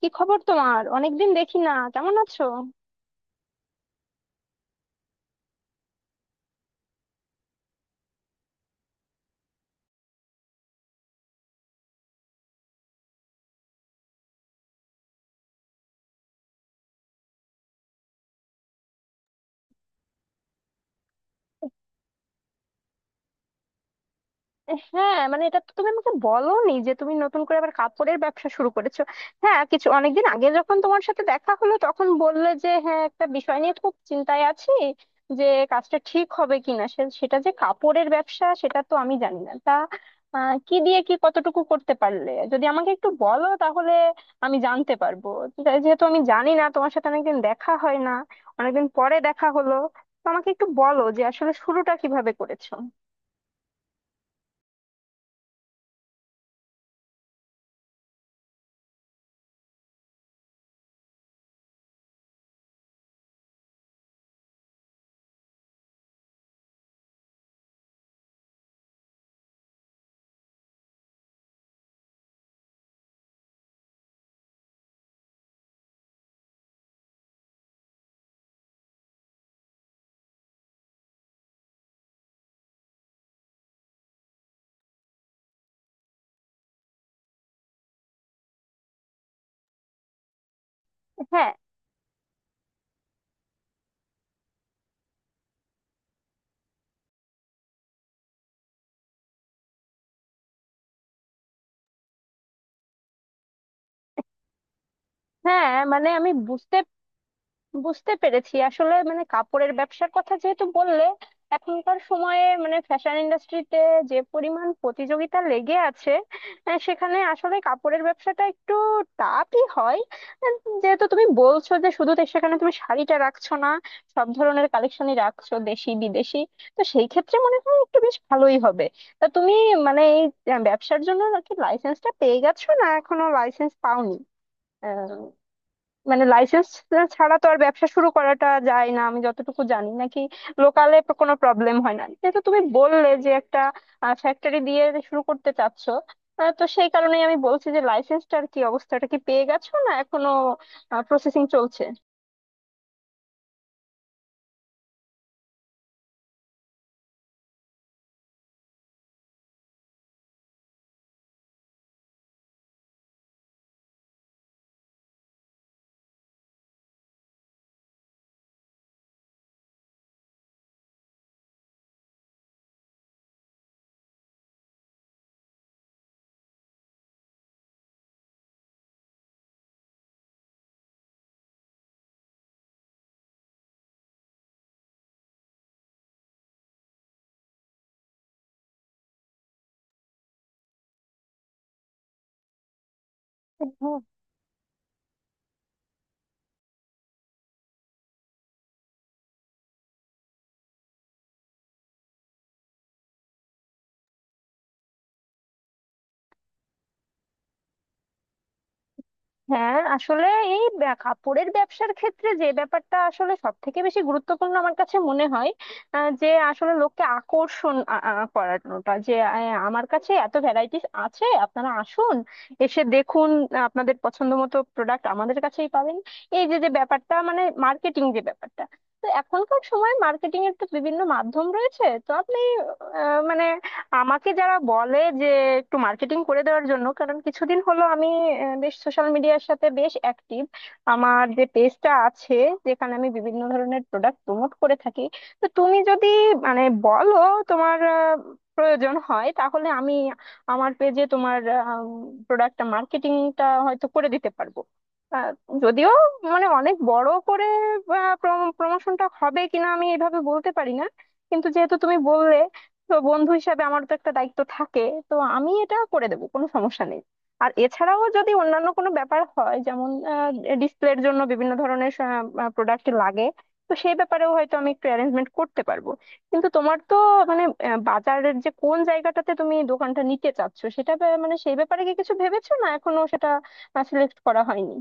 কি খবর তোমার? অনেকদিন দেখি না, কেমন আছো? হ্যাঁ, মানে এটা তো তুমি আমাকে বলোনি যে তুমি নতুন করে আবার কাপড়ের ব্যবসা শুরু করেছো। হ্যাঁ, কিছু অনেকদিন আগে যখন তোমার সাথে দেখা হলো তখন বললে যে হ্যাঁ, একটা বিষয় নিয়ে খুব চিন্তায় আছি, যে কাজটা ঠিক হবে কিনা। সেটা যে কাপড়ের ব্যবসা সেটা তো আমি জানি না। তা কি দিয়ে কি কতটুকু করতে পারলে যদি আমাকে একটু বলো, তাহলে আমি জানতে পারবো। যেহেতু আমি জানি না, তোমার সাথে অনেকদিন দেখা হয় না, অনেকদিন পরে দেখা হলো, তো আমাকে একটু বলো যে আসলে শুরুটা কিভাবে করেছো। হ্যাঁ, হ্যাঁ, মানে আমি বুঝতে বুঝতে পেরেছি। আসলে মানে কাপড়ের ব্যবসার কথা যেহেতু বললে, এখনকার সময়ে মানে ফ্যাশন ইন্ডাস্ট্রিতে যে পরিমাণ প্রতিযোগিতা লেগে আছে, সেখানে আসলে কাপড়ের ব্যবসাটা একটু টাফই হয়। আহ, যেহেতু তুমি বলছো যে শুধু তো সেখানে তুমি শাড়িটা রাখছো না, সব ধরনের কালেকশনই রাখছো, দেশি বিদেশি, তো সেই ক্ষেত্রে মনে হয় একটু বেশ ভালোই হবে। তা তুমি মানে এই ব্যবসার জন্য কি লাইসেন্সটা পেয়ে গেছো না এখনো লাইসেন্স পাওনি? মানে লাইসেন্স ছাড়া তো আর ব্যবসা শুরু করাটা যায় না আমি যতটুকু জানি, নাকি লোকালে কোনো প্রবলেম হয় না? যেহেতু তুমি বললে যে একটা ফ্যাক্টরি দিয়ে শুরু করতে চাচ্ছ, তো সেই কারণেই আমি বলছি যে লাইসেন্সটার কি অবস্থাটা, কি পেয়ে গেছো না এখনো প্রসেসিং চলছে? হ্যাঁ আসলে এই কাপড়ের ব্যবসার ক্ষেত্রে যে ব্যাপারটা আসলে সব থেকে বেশি গুরুত্বপূর্ণ আমার কাছে মনে হয়, যে আসলে লোককে আকর্ষণ করানোটা, যে আমার কাছে এত ভ্যারাইটিস আছে, আপনারা আসুন, এসে দেখুন, আপনাদের পছন্দ মতো প্রোডাক্ট আমাদের কাছেই পাবেন, এই যে যে ব্যাপারটা মানে মার্কেটিং, যে ব্যাপারটা, তো এখনকার সময় মার্কেটিং এর তো বিভিন্ন মাধ্যম রয়েছে, তো আপনি মানে আমাকে যারা বলে যে একটু মার্কেটিং করে দেওয়ার জন্য, কারণ কিছুদিন হলো আমি বেশ সোশ্যাল মিডিয়ার সাথে বেশ অ্যাক্টিভ। আমার যে পেজটা আছে, যেখানে আমি বিভিন্ন ধরনের প্রোডাক্ট প্রমোট করে থাকি, তো তুমি যদি মানে বলো তোমার প্রয়োজন হয়, তাহলে আমি আমার পেজে তোমার প্রোডাক্টটা মার্কেটিংটা হয়তো করে দিতে পারবো। আহ, যদিও মানে অনেক বড় করে প্রমোশনটা হবে কিনা আমি এভাবে বলতে পারি না, কিন্তু যেহেতু তুমি বললে, তো বন্ধু হিসাবে আমার তো একটা দায়িত্ব থাকে, তো আমি এটা করে দেবো, কোনো সমস্যা নেই। আর এছাড়াও যদি অন্যান্য কোনো ব্যাপার হয়, যেমন ডিসপ্লের জন্য বিভিন্ন ধরনের প্রোডাক্ট লাগে, তো সেই ব্যাপারেও হয়তো আমি একটু অ্যারেঞ্জমেন্ট করতে পারবো। কিন্তু তোমার তো মানে বাজারের যে কোন জায়গাটাতে তুমি দোকানটা নিতে চাচ্ছো, সেটা মানে সেই ব্যাপারে কি কিছু ভেবেছো না এখনো সেটা সিলেক্ট করা হয়নি?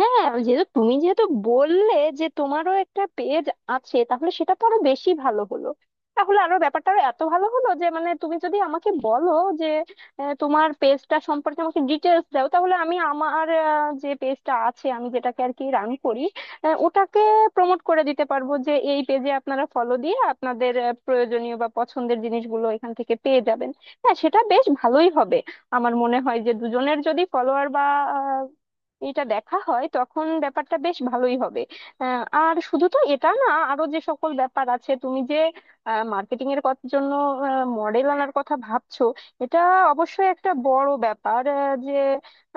হ্যাঁ ওই যেহেতু যেহেতু বললে যে তোমারও একটা পেজ আছে, তাহলে সেটা তো আরো বেশি ভালো হলো। তাহলে আরো ব্যাপারটা আরো এত ভালো হলো যে মানে তুমি যদি আমাকে বলো যে তোমার পেজটা সম্পর্কে আমাকে ডিটেলস দাও, তাহলে আমি আমার যে পেজটা আছে আমি যেটাকে আর কি রান করি, ওটাকে প্রমোট করে দিতে পারবো যে এই পেজে আপনারা ফলো দিয়ে আপনাদের প্রয়োজনীয় বা পছন্দের জিনিসগুলো এখান থেকে পেয়ে যাবেন। হ্যাঁ, সেটা বেশ ভালোই হবে। আমার মনে হয় যে দুজনের যদি ফলোয়ার বা এটা দেখা হয়, তখন ব্যাপারটা বেশ ভালোই হবে। আর শুধু তো এটা না, আরো যে সকল ব্যাপার আছে, তুমি যে মার্কেটিং এর জন্য মডেল আনার কথা ভাবছো, এটা অবশ্যই একটা বড় ব্যাপার। যে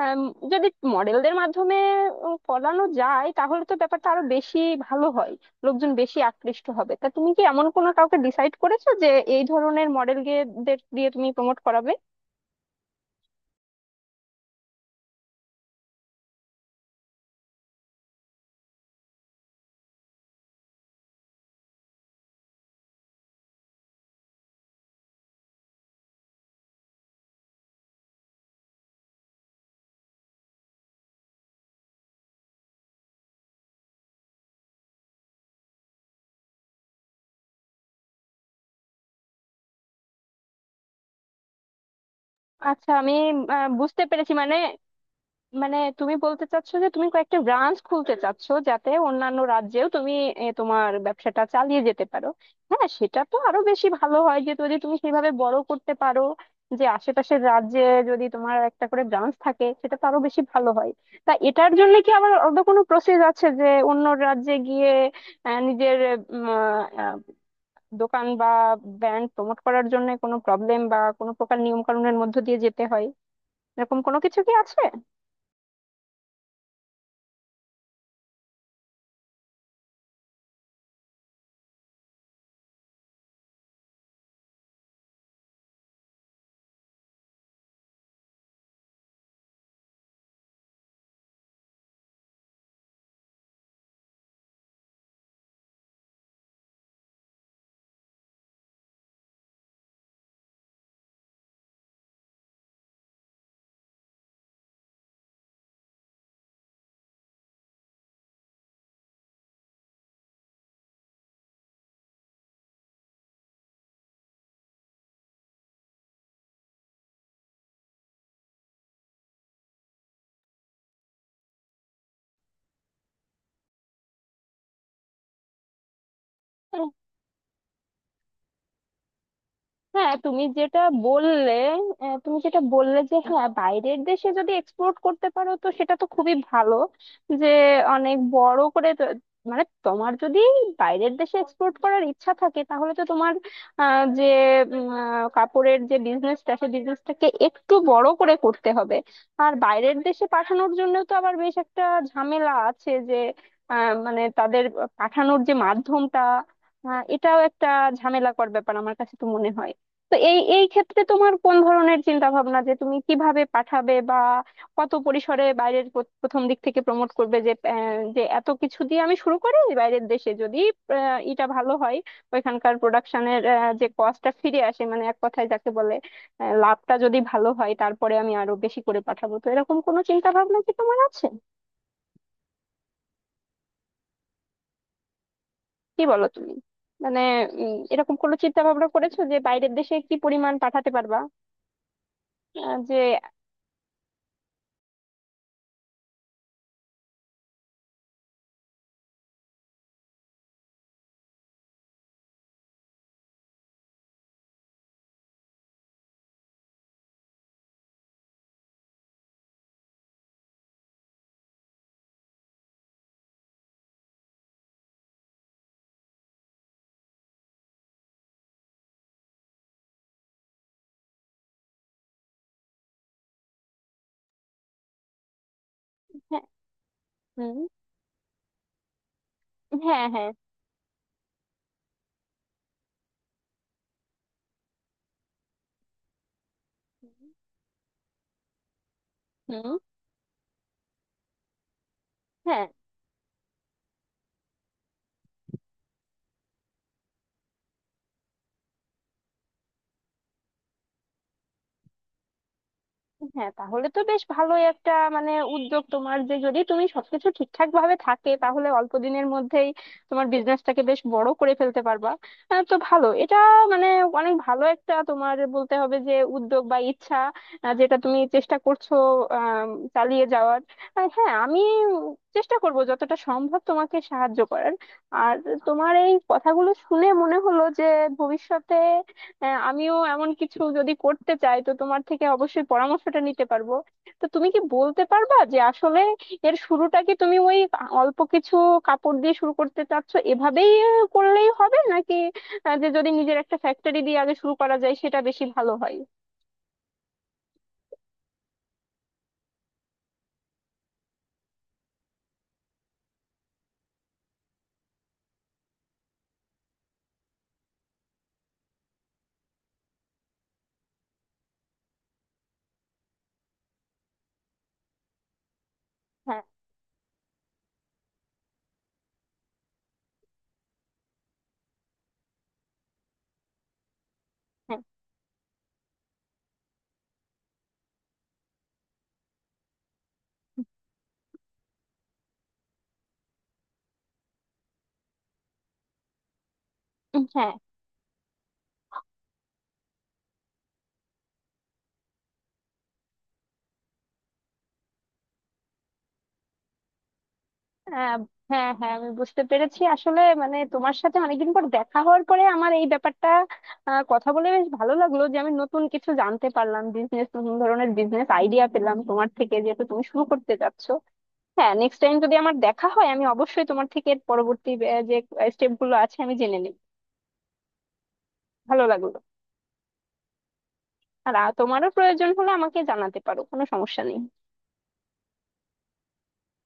আম, যদি মডেলদের মাধ্যমে করানো যায়, তাহলে তো ব্যাপারটা আরো বেশি ভালো হয়, লোকজন বেশি আকৃষ্ট হবে। তা তুমি কি এমন কোনো কাউকে ডিসাইড করেছো যে এই ধরনের মডেল দিয়ে তুমি প্রমোট করাবে? আচ্ছা, আমি বুঝতে পেরেছি। মানে মানে তুমি বলতে চাচ্ছো যে তুমি কয়েকটা ব্রাঞ্চ খুলতে চাচ্ছো যাতে অন্যান্য রাজ্যেও তুমি তোমার ব্যবসাটা চালিয়ে যেতে পারো। হ্যাঁ, সেটা তো আরো বেশি ভালো হয় যে যদি তুমি সেভাবে বড় করতে পারো, যে আশেপাশের রাজ্যে যদি তোমার একটা করে ব্রাঞ্চ থাকে, সেটা তো আরো বেশি ভালো হয়। তা এটার জন্য কি আবার অন্য কোনো প্রসেস আছে যে অন্য রাজ্যে গিয়ে নিজের উম, আহ, দোকান বা ব্র্যান্ড প্রমোট করার জন্য কোনো প্রবলেম বা কোনো প্রকার নিয়ম কানুনের মধ্য দিয়ে যেতে হয়, এরকম কোনো কিছু কি আছে? হ্যাঁ, তুমি যেটা বললে, তুমি যেটা বললে যে হ্যাঁ বাইরের দেশে যদি এক্সপোর্ট করতে পারো, তো সেটা তো খুবই ভালো, যে অনেক বড় করে মানে তোমার যদি বাইরের দেশে এক্সপোর্ট করার ইচ্ছা থাকে, তাহলে তো তোমার আহ, যে উম, আহ, কাপড়ের যে বিজনেসটা, সেই বিজনেসটাকে একটু বড় করে করতে হবে। আর বাইরের দেশে পাঠানোর জন্য তো আবার বেশ একটা ঝামেলা আছে যে মানে তাদের পাঠানোর যে মাধ্যমটা, এটাও একটা ঝামেলাকর ব্যাপার আমার কাছে তো মনে হয়। তো এই এই ক্ষেত্রে তোমার কোন ধরনের চিন্তা ভাবনা, যে তুমি কিভাবে পাঠাবে বা কত পরিসরে বাইরের প্রথম দিক থেকে প্রমোট করবে যে এত কিছু দিয়ে আমি শুরু করি বাইরের দেশে, যদি এটা ভালো হয়, ওইখানকার প্রোডাকশনের যে কস্টটা ফিরে আসে, মানে এক কথায় যাকে বলে লাভটা যদি ভালো হয় তারপরে আমি আরো বেশি করে পাঠাবো, তো এরকম কোনো চিন্তা ভাবনা কি তোমার আছে? কি বলো তুমি, মানে এরকম কোনো চিন্তা ভাবনা করেছো যে বাইরের দেশে কি পরিমাণ পাঠাতে পারবা? আহ, যে হ্যাঁ. হুম. হ্যাঁ, হ্যাঁ. হুম. হ্যাঁ, হ্যাঁ, তাহলে তো বেশ ভালোই একটা মানে উদ্যোগ তোমার, যে যদি তুমি সবকিছু ঠিকঠাক ভাবে থাকে, তাহলে অল্প দিনের মধ্যেই তোমার বিজনেসটাকে বেশ বড় করে ফেলতে পারবা। তো ভালো এটা, মানে অনেক ভালো একটা তোমার বলতে হবে যে উদ্যোগ বা ইচ্ছা, যেটা তুমি চেষ্টা করছো আহ চালিয়ে যাওয়ার। আর হ্যাঁ, আমি চেষ্টা করব যতটা সম্ভব তোমাকে সাহায্য করার। আর তোমার এই কথাগুলো শুনে মনে হলো যে ভবিষ্যতে হ্যাঁ আমিও এমন কিছু যদি করতে চাই, তো তোমার থেকে অবশ্যই পরামর্শটা নিতে পারবো। তো তুমি কি বলতে পারবা যে আসলে এর শুরুটা কি তুমি ওই অল্প কিছু কাপড় দিয়ে শুরু করতে চাচ্ছ, এভাবেই করলেই হবে, নাকি আহ, যে যদি নিজের একটা ফ্যাক্টরি দিয়ে আগে শুরু করা যায় সেটা বেশি ভালো হয়? হ্যাঁ. হ্যাঁ. হ্যাঁ. হ্যাঁ. হ্যাঁ, হ্যাঁ আমি বুঝতে পেরেছি। আসলে মানে তোমার সাথে অনেকদিন পর দেখা হওয়ার পরে আমার এই ব্যাপারটা কথা বলে বেশ ভালো লাগলো, যে আমি নতুন কিছু জানতে পারলাম, বিজনেস, নতুন ধরনের বিজনেস আইডিয়া পেলাম তোমার থেকে, যেহেতু তুমি শুরু করতে যাচ্ছো। হ্যাঁ, নেক্সট টাইম যদি আমার দেখা হয়, আমি অবশ্যই তোমার থেকে এর পরবর্তী যে স্টেপ গুলো আছে আমি জেনে নিই। ভালো লাগলো। আর তোমারও প্রয়োজন হলে আমাকে জানাতে পারো, কোনো সমস্যা নেই।